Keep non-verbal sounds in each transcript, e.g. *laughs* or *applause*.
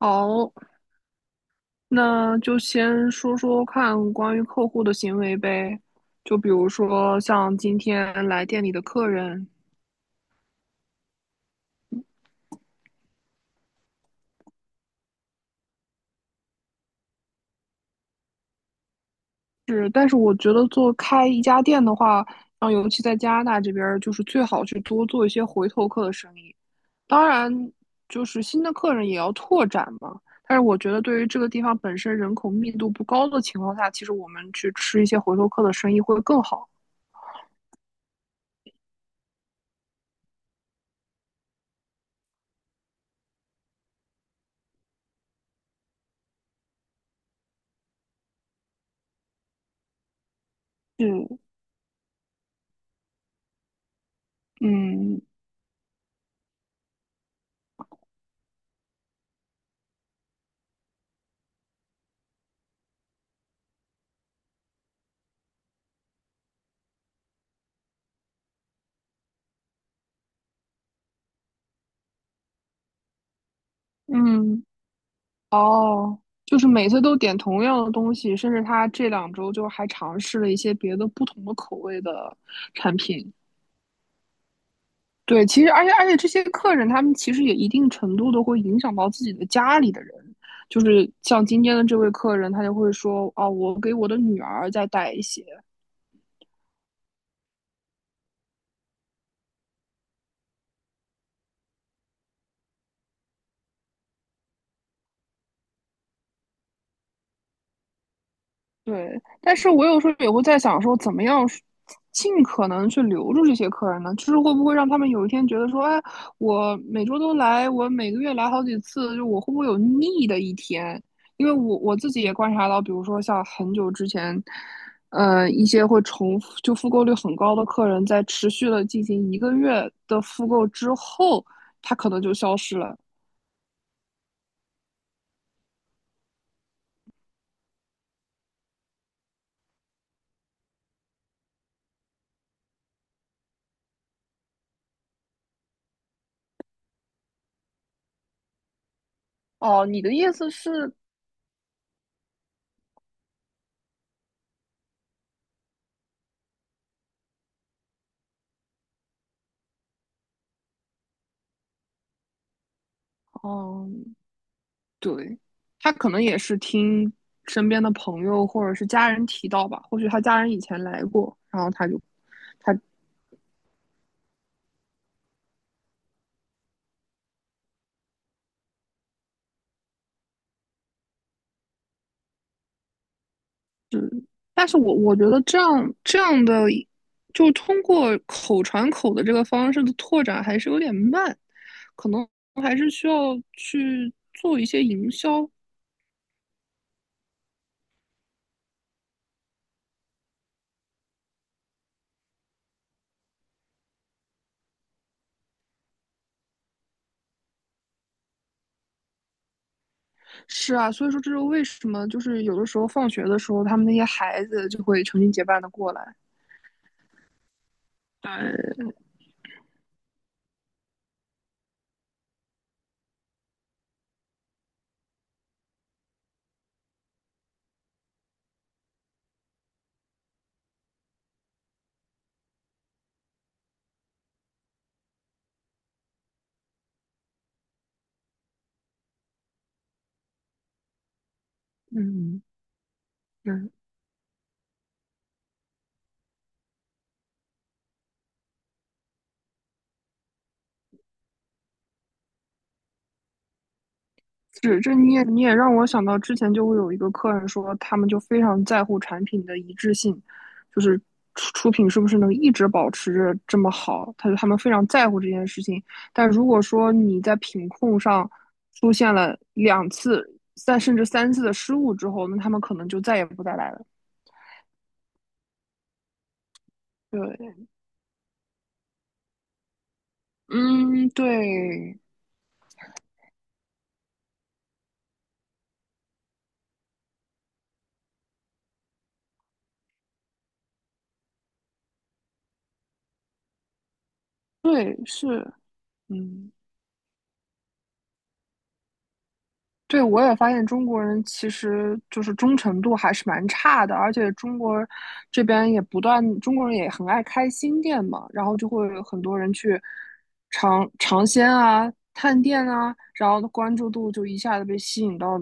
好，那就先说说看关于客户的行为呗。就比如说像今天来店里的客人，是，但是我觉得做开一家店的话，像尤其在加拿大这边儿，就是最好去多做一些回头客的生意。当然，就是新的客人也要拓展嘛。但是我觉得，对于这个地方本身人口密度不高的情况下，其实我们去吃一些回头客的生意会更好。是，嗯嗯。哦，就是每次都点同样的东西，甚至他这2周就还尝试了一些别的不同的口味的产品。对，其实而且这些客人他们其实也一定程度的会影响到自己的家里的人，就是像今天的这位客人，他就会说啊，我给我的女儿再带一些，对，但是我有时候也会在想说，怎么样尽可能去留住这些客人呢？就是会不会让他们有一天觉得说，哎，我每周都来，我每个月来好几次，就我会不会有腻的一天？因为我自己也观察到，比如说像很久之前，一些会重复就复购率很高的客人，在持续的进行一个月的复购之后，他可能就消失了。哦，你的意思是，嗯。对，他可能也是听身边的朋友或者是家人提到吧，或许他家人以前来过，然后他就他，但是我觉得这样的，就通过口传口的这个方式的拓展还是有点慢，可能还是需要去做一些营销。是啊，所以说这是为什么，就是有的时候放学的时候，他们那些孩子就会成群结伴的过来。对，嗯，嗯。是，这你也让我想到之前就会有一个客人说，他们就非常在乎产品的一致性，就是出品是不是能一直保持着这么好，他们非常在乎这件事情。但如果说你在品控上出现了2次、甚至三次的失误之后，那他们可能就再也不再来了。对，嗯，对，对，是，嗯。对，我也发现中国人其实就是忠诚度还是蛮差的，而且中国这边也不断，中国人也很爱开新店嘛，然后就会有很多人去尝尝鲜啊、探店啊，然后关注度就一下子被吸引到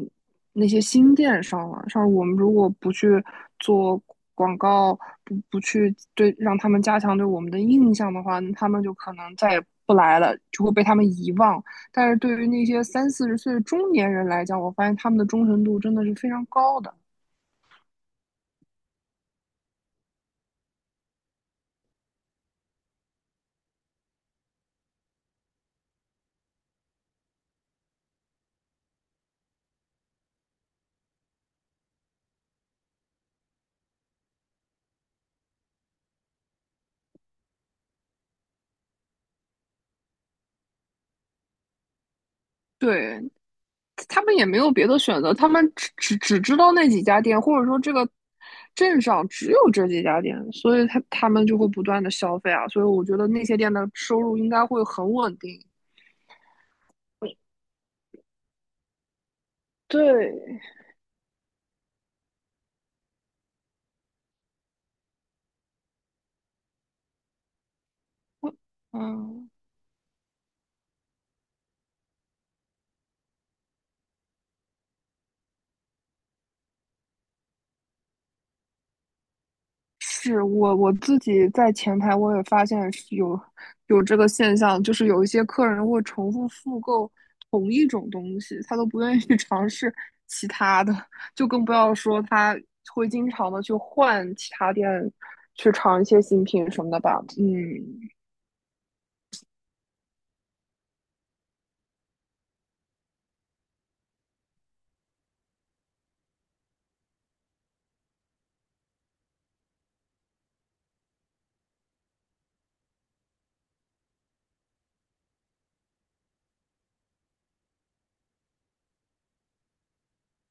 那些新店上了。像我们如果不去做广告，不去让他们加强对我们的印象的话，他们就可能再也不来了，就会被他们遗忘。但是对于那些三四十岁的中年人来讲，我发现他们的忠诚度真的是非常高的。对，他们也没有别的选择，他们只知道那几家店，或者说这个镇上只有这几家店，所以他们就会不断的消费啊。所以我觉得那些店的收入应该会很稳定。对，嗯。是我自己在前台，我也发现是有这个现象，就是有一些客人会重复复购同一种东西，他都不愿意 *laughs* 去尝试其他的，就更不要说他会经常的去换其他店去尝一些新品什么的吧。嗯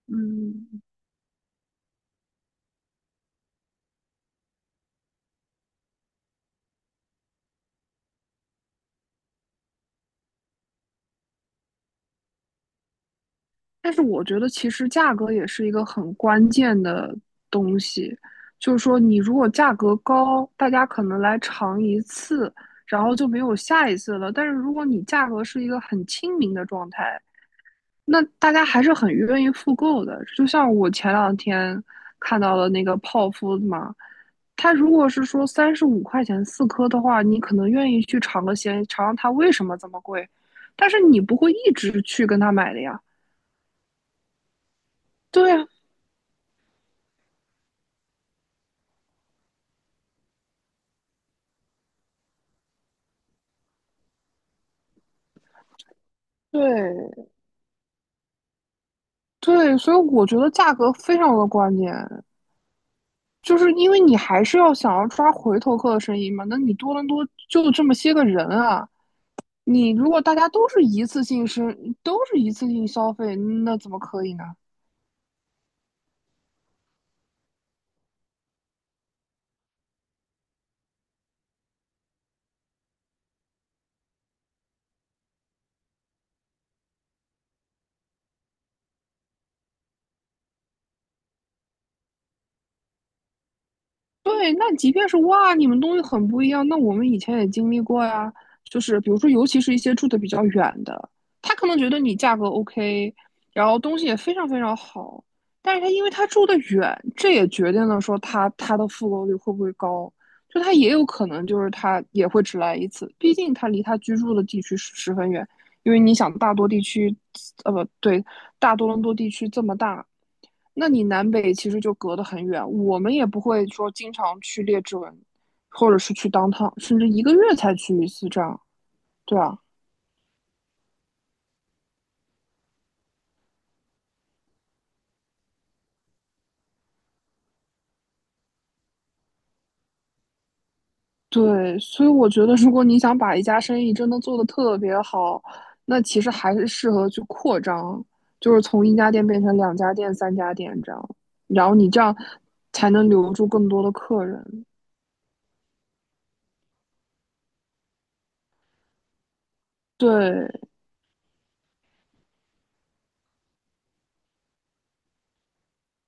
嗯，但是我觉得其实价格也是一个很关键的东西，就是说你如果价格高，大家可能来尝一次，然后就没有下一次了。但是如果你价格是一个很亲民的状态，那大家还是很愿意复购的。就像我前两天看到的那个泡芙嘛，它如果是说35块钱4颗的话，你可能愿意去尝个鲜，尝尝它为什么这么贵，但是你不会一直去跟他买的呀。对啊，对对，所以我觉得价格非常的关键，就是因为你还是要想要抓回头客的生意嘛。那你多伦多就这么些个人啊，你如果大家都是一次性生，都是一次性消费，那怎么可以呢？对，那即便是哇，你们东西很不一样，那我们以前也经历过呀。就是比如说，尤其是一些住的比较远的，他可能觉得你价格 OK，然后东西也非常非常好，但是因为他住的远，这也决定了说他的复购率会不会高。就他也有可能就是他也会只来一次，毕竟他离他居住的地区十分远。因为你想，大多地区，不对，大多伦多地区这么大，那你南北其实就隔得很远，我们也不会说经常去列治文，或者是去当 o 甚至一个月才去一次这样，对啊，对，所以我觉得，如果你想把一家生意真的做得特别好，那其实还是适合去扩张，就是从一家店变成2家店、3家店这样，然后你这样才能留住更多的客人。对，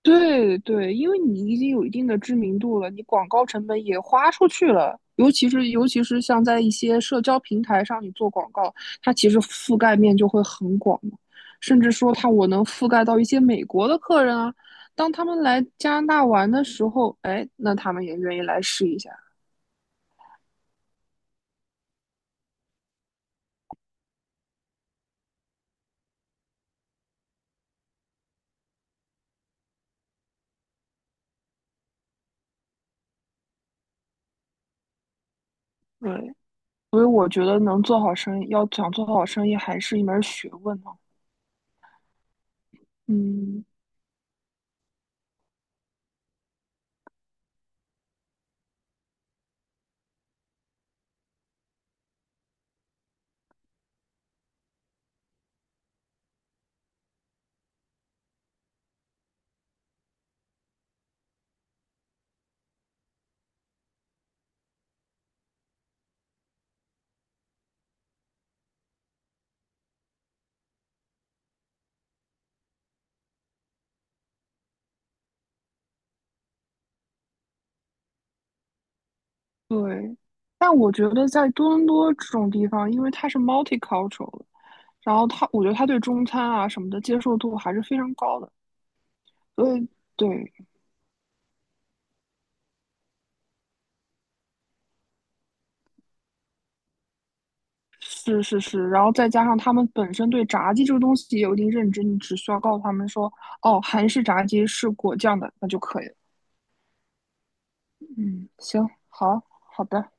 对对，因为你已经有一定的知名度了，你广告成本也花出去了，尤其是像在一些社交平台上你做广告，它其实覆盖面就会很广嘛，甚至说它我能覆盖到一些美国的客人啊，当他们来加拿大玩的时候，哎，那他们也愿意来试一下。对，所以我觉得能做好生意，要想做好生意还是一门学问呢、嗯，对。但我觉得在多伦多这种地方，因为它是 multicultural 然后他，我觉得他对中餐啊什么的接受度还是非常高的，所以对，是是是，然后再加上他们本身对炸鸡这个东西也有一定认知，你只需要告诉他们说，哦，韩式炸鸡是果酱的，那就可以了。嗯，行，好，好的。